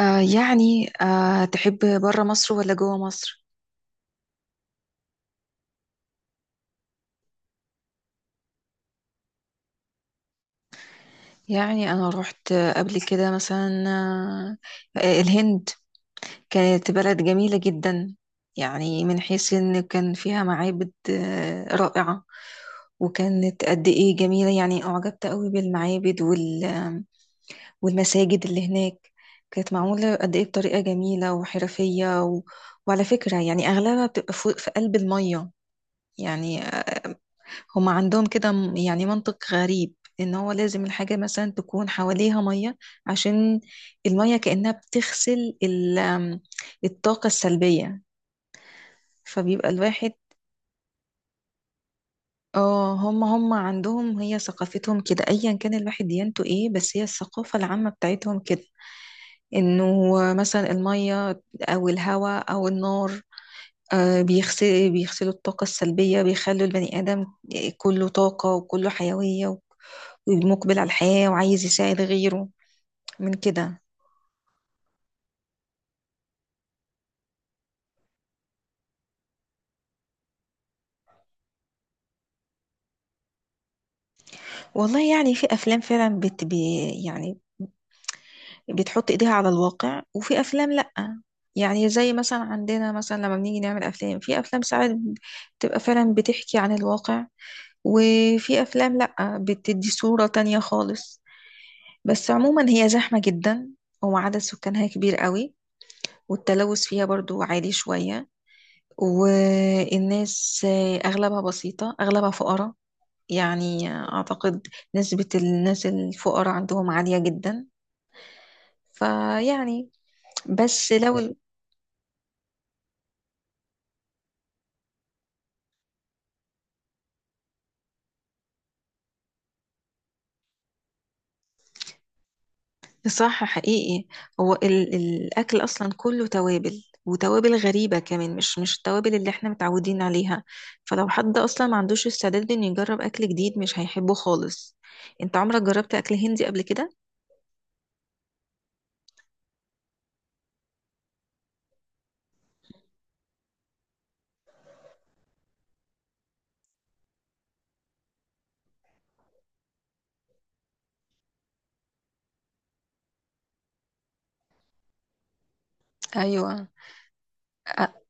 تحب برا مصر ولا جوا مصر؟ يعني أنا روحت قبل كده مثلا، الهند كانت بلد جميلة جدا. يعني من حيث إن كان فيها معابد رائعة، وكانت قد إيه جميلة. يعني أعجبت قوي بالمعابد والمساجد اللي هناك، كانت معمولة قد إيه بطريقة جميلة وحرفية، وعلى فكرة يعني أغلبها بتبقى فوق في قلب المية. يعني هما عندهم كده يعني منطق غريب، ان هو لازم الحاجة مثلا تكون حواليها مية عشان المية كأنها بتغسل ال- آم، الطاقة السلبية. فبيبقى الواحد، اه هما عندهم هي ثقافتهم كده، ايا كان الواحد ديانته ايه، بس هي الثقافة العامة بتاعتهم كده، انه مثلا المية او الهواء او النار، بيغسلوا الطاقة السلبية، بيخلوا البني آدم، كله طاقة وكله حيوية، مقبل على الحياة وعايز يساعد غيره من كده. والله يعني في أفلام فعلا بت بي يعني بتحط إيديها على الواقع، وفي أفلام لأ. يعني زي مثلا عندنا، مثلا لما بنيجي نعمل أفلام، في أفلام ساعات بتبقى فعلا بتحكي عن الواقع، وفي أفلام لأ، بتدي صورة تانية خالص. بس عموما هي زحمة جدا، وعدد سكانها كبير قوي، والتلوث فيها برضو عالي شوية، والناس أغلبها بسيطة، أغلبها فقراء. يعني أعتقد نسبة الناس الفقراء عندهم عالية جدا. فيعني بس لو ال- صح، حقيقي. هو الأكل أصلا كله توابل، وتوابل غريبة كمان، مش التوابل اللي احنا متعودين عليها. فلو حد أصلا ما عندوش استعداد إنه يجرب أكل جديد، مش هيحبه خالص. انت عمرك جربت أكل هندي قبل كده؟ ايوه. أ-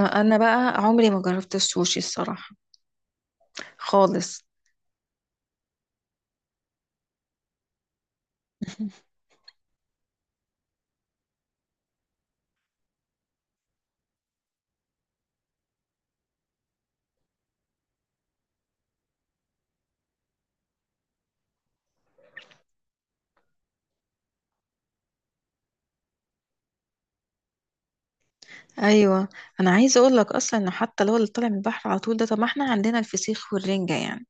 انا بقى عمري ما جربت السوشي الصراحه خالص. ايوه، انا عايزه اقول لك اصلا ان حتى لو اللي طالع من البحر على طول ده، طب ما احنا عندنا الفسيخ والرنجه يعني.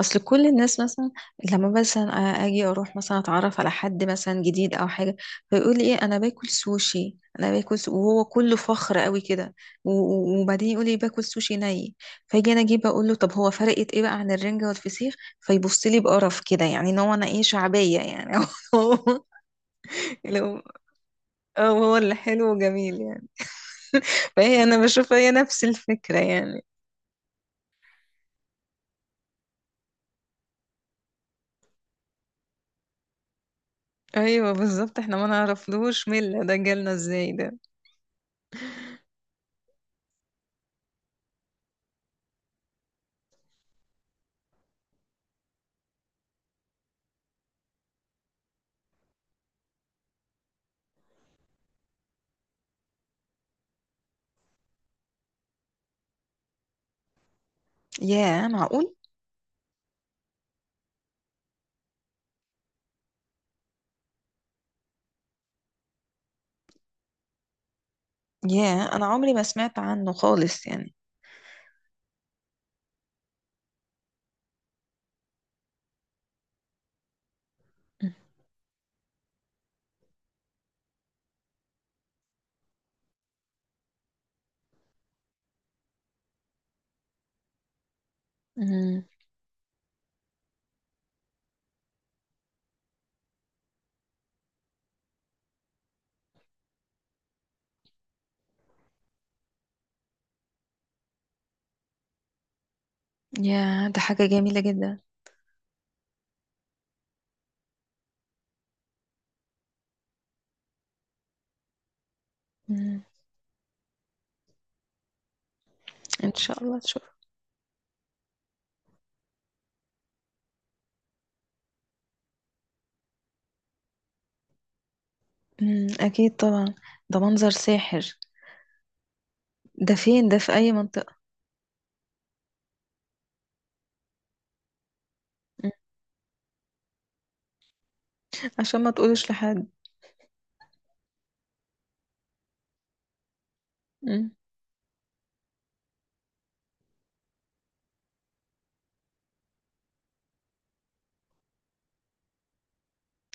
اصل كل الناس مثلا لما مثلا اجي اروح مثلا اتعرف على حد مثلا جديد او حاجه، فيقول لي ايه، انا باكل سوشي، انا باكل سو...، وهو كله فخر قوي كده، و- و- وبعدين يقول لي باكل سوشي ني. فاجي انا اجيب اقول له، طب هو فرقت ايه بقى عن الرنجه والفسيخ؟ فيبص لي بقرف كده، يعني ان هو انا ايه، شعبيه يعني. لو هو اللي حلو وجميل يعني. فهي انا بشوف هي نفس الفكرة يعني. ايوه بالظبط، احنا ما نعرفلوش مين اللي ده جالنا ازاي ده. ياه، معقول! ياه، انا عمري ما سمعت عنه خالص يعني. امم. ياه، ده حاجة جميلة جدا. مم. ان شاء الله تشوف. مم. اكيد طبعا، ده منظر ساحر. ده فين ده، في اي منطقة؟ مم. عشان ما تقولش لحد. مم.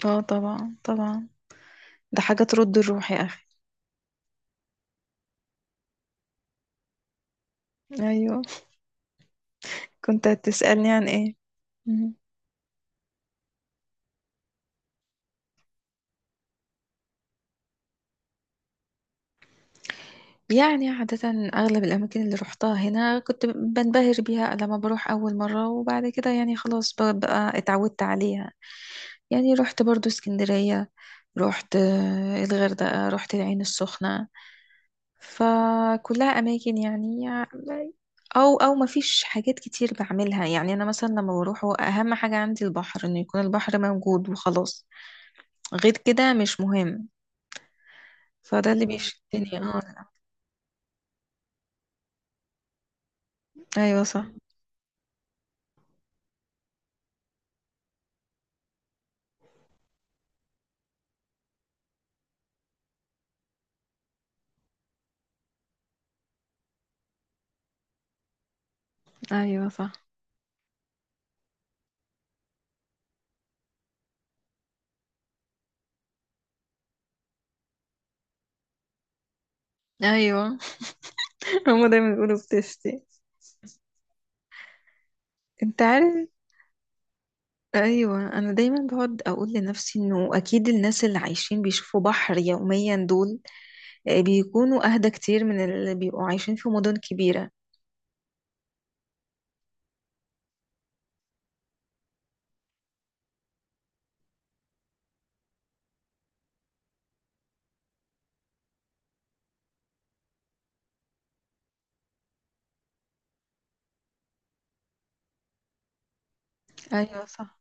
اه طبعا طبعا، ده حاجة ترد الروح يا اخي. ايوه. كنت هتسألني عن ايه؟ مم. يعني عادة أغلب الأماكن اللي روحتها هنا كنت بنبهر بيها لما بروح أول مرة، وبعد كده يعني خلاص بقى اتعودت عليها. يعني رحت برضو اسكندرية، رحت، الغردقة، رحت العين السخنة. فكلها أماكن يعني، أو ما فيش حاجات كتير بعملها. يعني أنا مثلا لما بروح، هو أهم حاجة عندي البحر، إنه يكون البحر موجود وخلاص، غير كده مش مهم. فده اللي بيشدني، اه. أيوة صح. أيوة صح. أيوة. هما دايما بيقولوا بتشتي. انت عارف، ايوه انا دايما بقعد اقول لنفسي انه اكيد الناس اللي عايشين بيشوفوا بحر يوميا دول، بيكونوا اهدى كتير من اللي بيبقوا عايشين في مدن كبيرة. ايوه صح.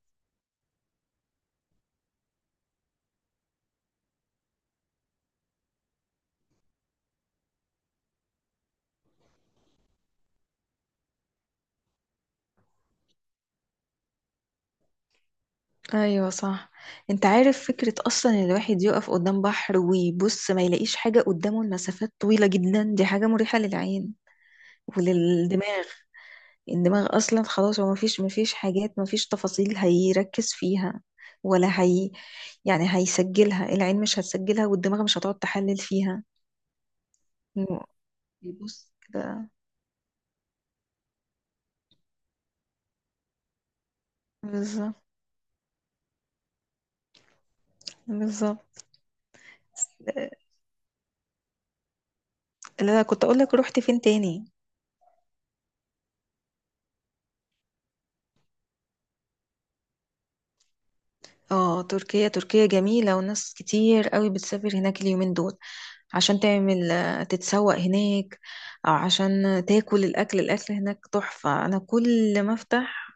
ايوه صح. انت عارف، فكرة اصلا ان الواحد يقف قدام بحر ويبص، ما يلاقيش حاجة قدامه، المسافات طويلة جدا، دي حاجة مريحة للعين وللدماغ. الدماغ اصلا خلاص، هو مفيش حاجات، مفيش تفاصيل هيركز فيها، ولا هي يعني هيسجلها العين، مش هتسجلها، والدماغ مش هتقعد تحلل فيها. هو بيبص كده. بالظبط. بالظبط. لا كنت اقول لك رحت فين تاني. اه، تركيا. تركيا جميلة، وناس كتير قوي بتسافر هناك اليومين دول عشان تعمل، تتسوق هناك، او عشان تاكل الاكل. هناك تحفة. انا كل ما افتح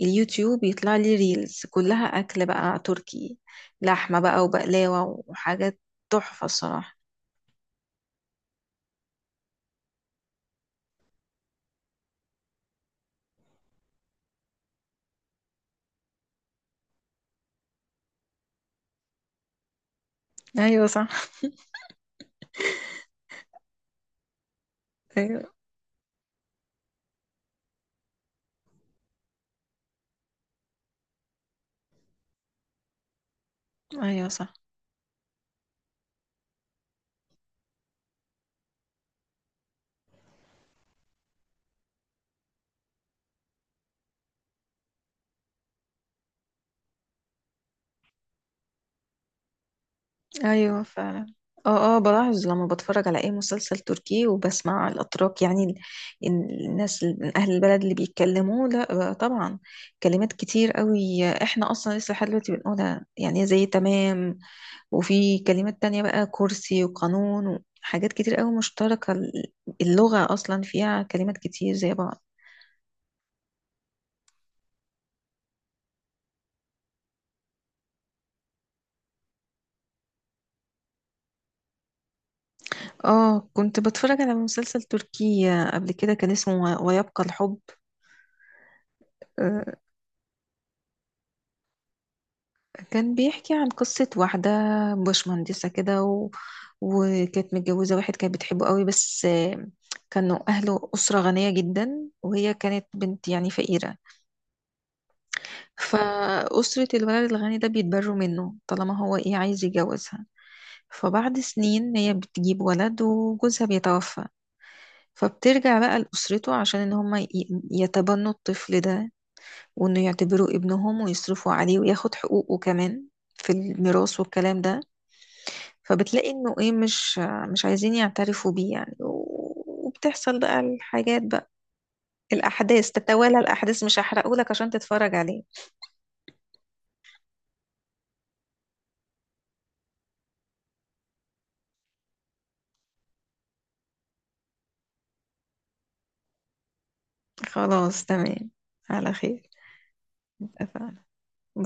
اليوتيوب، يطلع لي ريلز كلها اكل بقى تركي، لحمة بقى وبقلاوة وحاجات تحفة الصراحة. ايوه صح. ايوه. ايوه صح. ايوه فعلا، اه اه بلاحظ لما بتفرج على اي مسلسل تركي، وبسمع الاتراك، يعني الناس من اهل البلد اللي بيتكلموا، لا بقى طبعا كلمات كتير قوي احنا اصلا لسه لحد دلوقتي بنقولها، يعني زي تمام، وفي كلمات تانية بقى، كرسي وقانون وحاجات كتير قوي مشتركة. اللغة اصلا فيها كلمات كتير زي بعض. اه كنت بتفرج على مسلسل تركي قبل كده، كان اسمه ويبقى الحب. آه، كان بيحكي عن قصة واحدة بشمهندسة كده، وكانت متجوزة واحد كانت بتحبه قوي، بس، كانوا أهله أسرة غنية جدا، وهي كانت بنت يعني فقيرة. فأسرة الولد الغني ده بيتبروا منه طالما هو إيه، عايز يتجوزها. فبعد سنين هي بتجيب ولد، وجوزها بيتوفى، فبترجع بقى لأسرته عشان إن هما يتبنوا الطفل ده، وإنه يعتبروه ابنهم ويصرفوا عليه وياخد حقوقه كمان في الميراث والكلام ده. فبتلاقي إنه إيه، مش عايزين يعترفوا بيه يعني، و- وبتحصل بقى الحاجات بقى، الأحداث تتوالى. الأحداث مش هحرقهولك عشان تتفرج عليه. خلاص تمام. على خير. اتفقنا. باي.